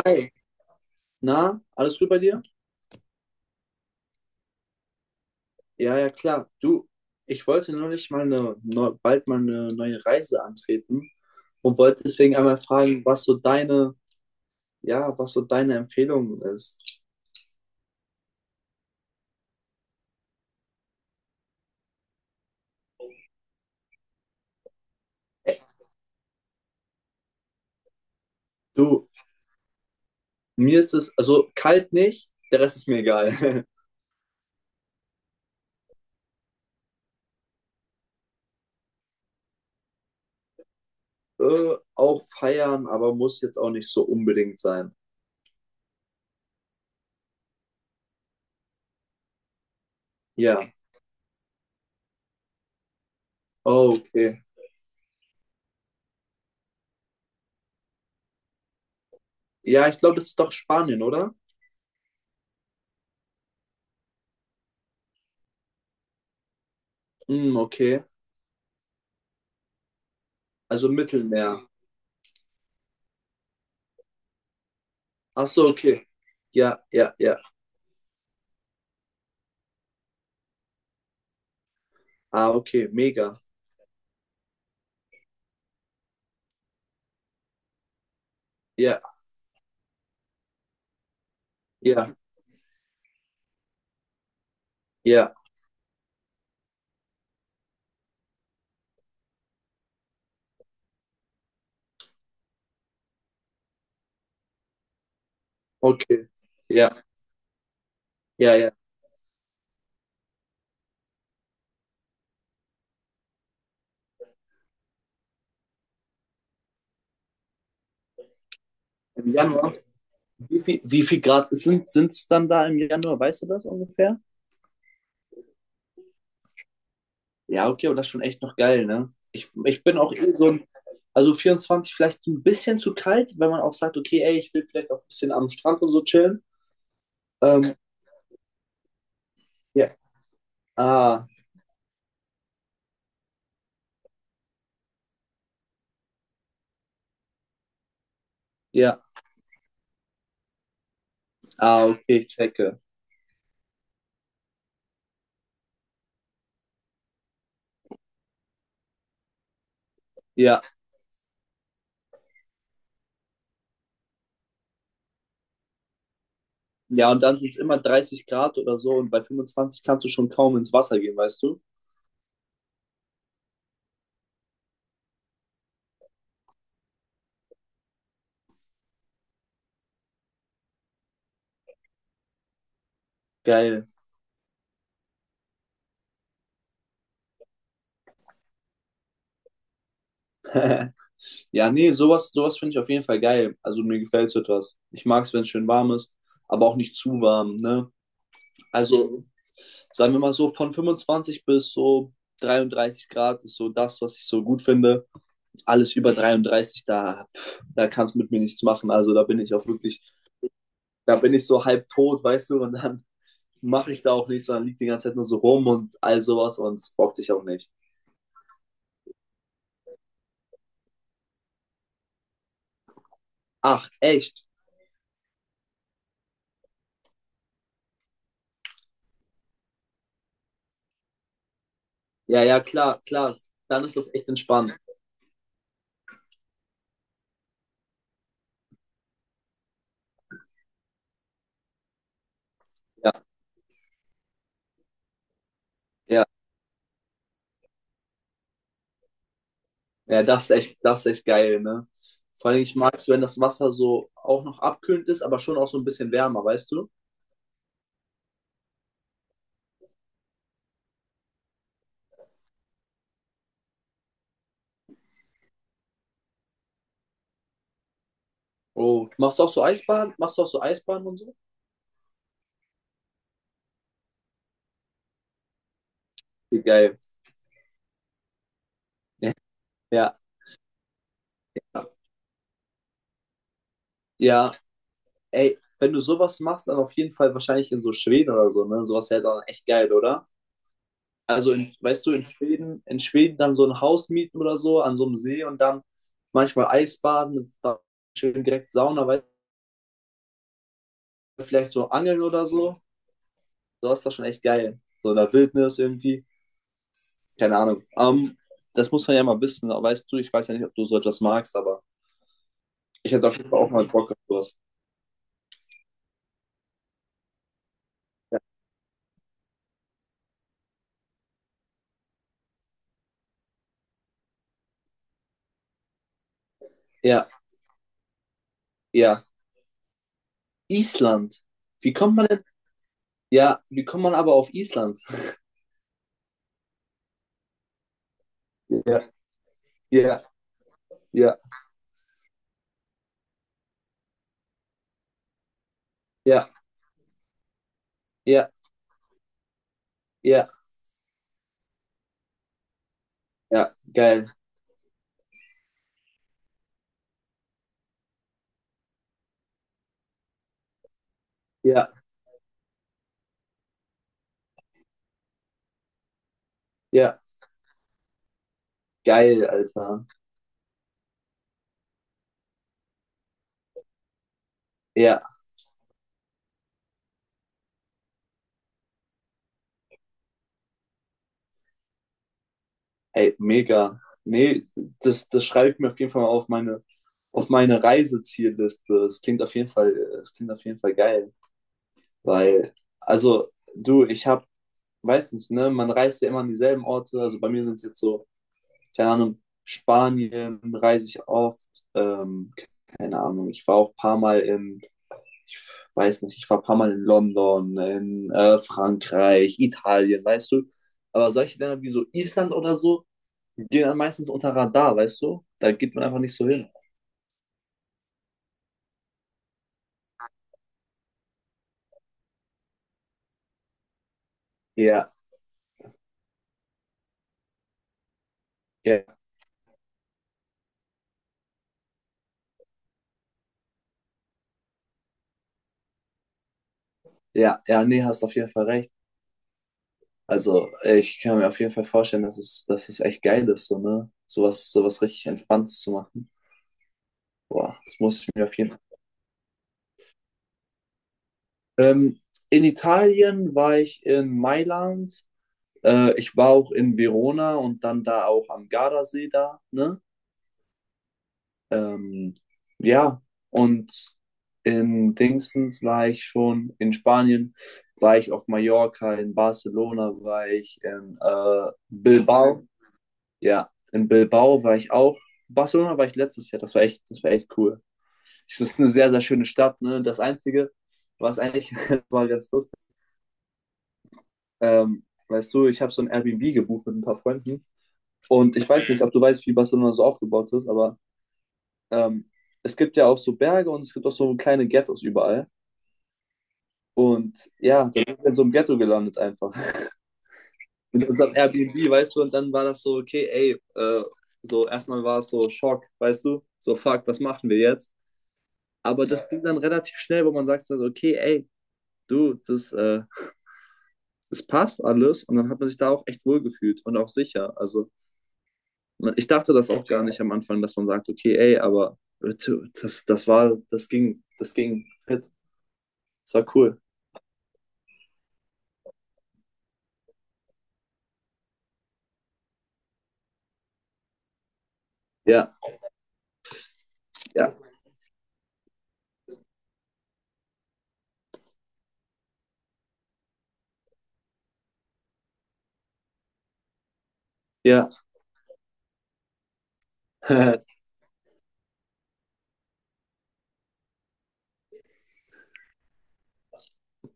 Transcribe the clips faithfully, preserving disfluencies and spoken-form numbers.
Hi, na, alles gut bei dir? Ja, ja, klar. Du, ich wollte neulich mal eine, neu, bald mal eine neue Reise antreten und wollte deswegen einmal fragen, was so deine, ja, was so deine Empfehlung ist. Ä- Du, mir ist es, also kalt nicht, der Rest ist mir egal. Äh, auch feiern, aber muss jetzt auch nicht so unbedingt sein. Ja, oh, okay. Ja, ich glaube, das ist doch Spanien, oder? Hm, okay. Also Mittelmeer. Ach so, okay. Ja, ja, ja. Ah, okay, mega. Ja, ja, ja, okay. Ja, ja, ja. Im Januar, wie viel, wie viel Grad sind es dann da im Januar? Weißt du das ungefähr? Ja, okay, aber das ist schon echt noch geil, ne? Ich, ich bin auch eh so ein, also vierundzwanzig vielleicht ein bisschen zu kalt, wenn man auch sagt, okay, ey, ich will vielleicht auch ein bisschen am Strand und so chillen. Ähm, ja. Ah, ja. Ah, okay, ich checke. Ja, ja, und dann sind es immer dreißig Grad oder so und bei fünfundzwanzig kannst du schon kaum ins Wasser gehen, weißt du? Geil. Ja, nee, sowas, sowas finde ich auf jeden Fall geil. Also mir gefällt so etwas. Ich mag es, wenn es schön warm ist, aber auch nicht zu warm, ne? Also, sagen wir mal so, von fünfundzwanzig bis so dreiunddreißig Grad ist so das, was ich so gut finde. Alles über dreiunddreißig, da, pff, da kannst mit mir nichts machen. Also da bin ich auch wirklich, da bin ich so halb tot, weißt du, und dann mache ich da auch nichts, sondern liegt die ganze Zeit nur so rum und all sowas und es bockt sich auch nicht. Ach, echt? Ja, ja, klar, klar. Dann ist das echt entspannt. Ja, ja. Ja, das ist echt, das ist echt geil, ne? Vor allem, ich mag es, wenn das Wasser so auch noch abkühlend ist, aber schon auch so ein bisschen wärmer, weißt du? Oh, machst du auch so Eisbahn? Machst du auch so Eisbahn und so? Wie geil. Ja, ja, ja. Ey, wenn du sowas machst, dann auf jeden Fall wahrscheinlich in so Schweden oder so, ne? Sowas wäre dann echt geil, oder? Also, in, weißt du, in Schweden, in Schweden dann so ein Haus mieten oder so an so einem See und dann manchmal Eisbaden, dann schön direkt Sauna, weil vielleicht so angeln oder so. Sowas ist doch schon echt geil. So in der Wildnis irgendwie. Keine Ahnung. Ähm, das muss man ja mal wissen. Weißt du, ich weiß ja nicht, ob du so etwas magst, aber ich hätte auf jeden Fall auch mal Bock auf sowas. Ja, ja. Island. Wie kommt man denn? Ja, wie kommt man aber auf Island? Ja, ja, ja, ja, ja, ja, ja, geil. Ja, ja, geil, Alter. Ja, ey, mega. Nee, das, das schreibe ich mir auf jeden Fall mal auf meine, auf meine Reisezielliste. Das klingt auf jeden Fall, das klingt auf jeden Fall geil. Weil, also, du, ich habe, weiß nicht, ne, man reist ja immer an dieselben Orte. Also bei mir sind es jetzt so, keine Ahnung, Spanien reise ich oft. Ähm, Keine Ahnung, ich war auch ein paar Mal in, weiß nicht, ich war ein paar Mal in London, in äh, Frankreich, Italien, weißt du. Aber solche Länder wie so Island oder so, die gehen dann meistens unter Radar, weißt du? Da geht man einfach nicht so hin. Ja, ja, ja, ja, nee, hast auf jeden Fall recht. Also, ich kann mir auf jeden Fall vorstellen, dass es, dass es echt geil ist, so, ne? Sowas, sowas richtig Entspanntes zu machen. Boah, das muss ich mir auf jeden Fall. Ähm, in Italien war ich in Mailand. Äh, ich war auch in Verona und dann da auch am Gardasee da, ne? Ähm, ja, und in Dingsens war ich schon, in Spanien war ich auf Mallorca, in Barcelona war ich, in äh, Bilbao. Ja, in Bilbao war ich auch. Barcelona war ich letztes Jahr. Das war echt, das war echt cool. Es ist eine sehr, sehr schöne Stadt. Ne? Das Einzige, was eigentlich war ganz lustig. Ähm, weißt du, ich habe so ein Airbnb gebucht mit ein paar Freunden. Und ich weiß nicht, ob du weißt, wie Barcelona so aufgebaut ist, aber ähm, es gibt ja auch so Berge und es gibt auch so kleine Ghettos überall. Und ja, dann sind wir in so einem Ghetto gelandet einfach. Mit unserem Airbnb, weißt du, und dann war das so, okay, ey, äh, so erstmal war es so Schock, weißt du, so fuck, was machen wir jetzt? Aber das ging dann relativ schnell, wo man sagt, so, okay, ey, du, das, äh, das passt alles. Und dann hat man sich da auch echt wohlgefühlt und auch sicher. Also man, ich dachte das auch gar nicht am Anfang, dass man sagt, okay, ey, aber äh, du, das, das war, das ging, das ging fit. Das war cool. Ja, ja, ja.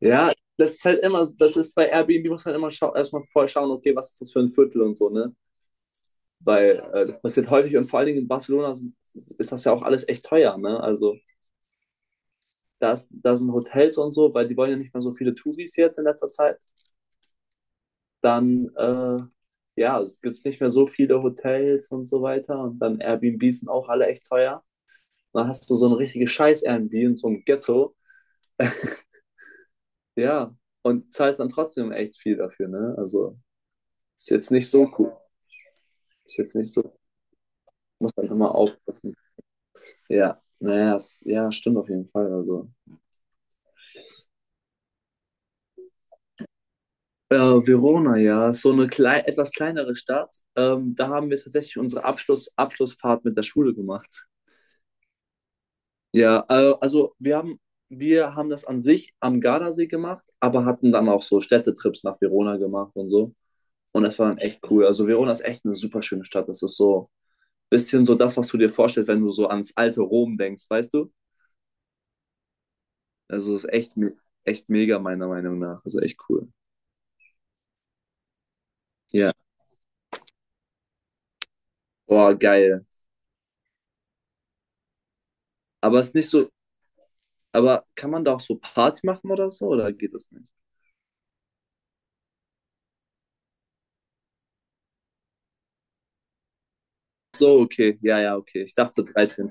Ja, das ist halt immer, das ist bei Airbnb muss man immer schau erstmal vorher schauen, okay, was ist das für ein Viertel und so, ne? Weil äh, das passiert häufig und vor allen Dingen in Barcelona sind, ist das ja auch alles echt teuer, ne? Also da, ist, da sind Hotels und so, weil die wollen ja nicht mehr so viele Touris jetzt in letzter Zeit. Dann, äh, ja, es gibt nicht mehr so viele Hotels und so weiter. Und dann Airbnbs sind auch alle echt teuer. Und dann hast du so eine richtige Scheiß-Airbnb in so einem Ghetto. Ja, und zahlst dann trotzdem echt viel dafür, ne? Also, ist jetzt nicht so cool. Ist jetzt nicht so, muss man immer aufpassen. Ja, naja, ja, stimmt auf jeden Fall. Also, Äh, Verona, ja, so eine klei etwas kleinere Stadt. Ähm, da haben wir tatsächlich unsere Abschluss Abschlussfahrt mit der Schule gemacht. Ja, äh, also wir haben, wir haben das an sich am Gardasee gemacht, aber hatten dann auch so Städtetrips nach Verona gemacht und so. Und das war dann echt cool. Also Verona ist echt eine super schöne Stadt. Das ist so ein bisschen so das, was du dir vorstellst, wenn du so ans alte Rom denkst, weißt du? Also ist echt, me echt mega meiner Meinung nach. Also echt cool. Ja, boah, geil. Aber es ist nicht so, Aber kann man da auch so Party machen oder so, oder geht das nicht? So, okay, ja, ja, okay. Ich dachte dreizehn.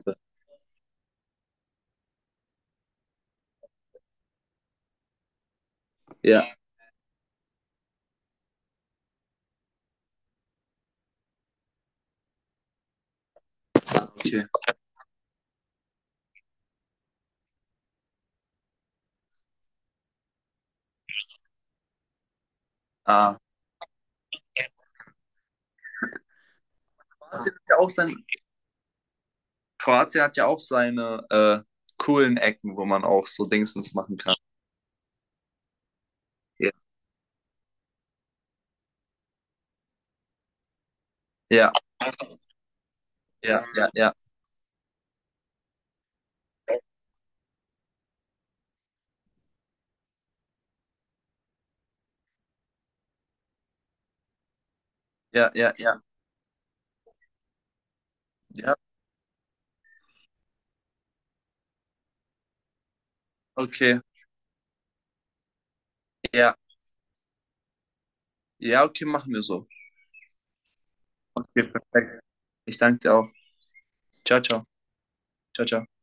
Ja, okay. Ah. Kroatien hat ja auch sein, Kroatien hat ja auch seine äh, coolen Ecken, wo man auch so Dingsens machen kann. Ja, ja, ja, ja, ja, ja, ja, ja, ja, okay, ja, ja, okay, machen wir so. Okay, perfekt. Ich danke dir auch. Ciao, ciao, ciao, ciao.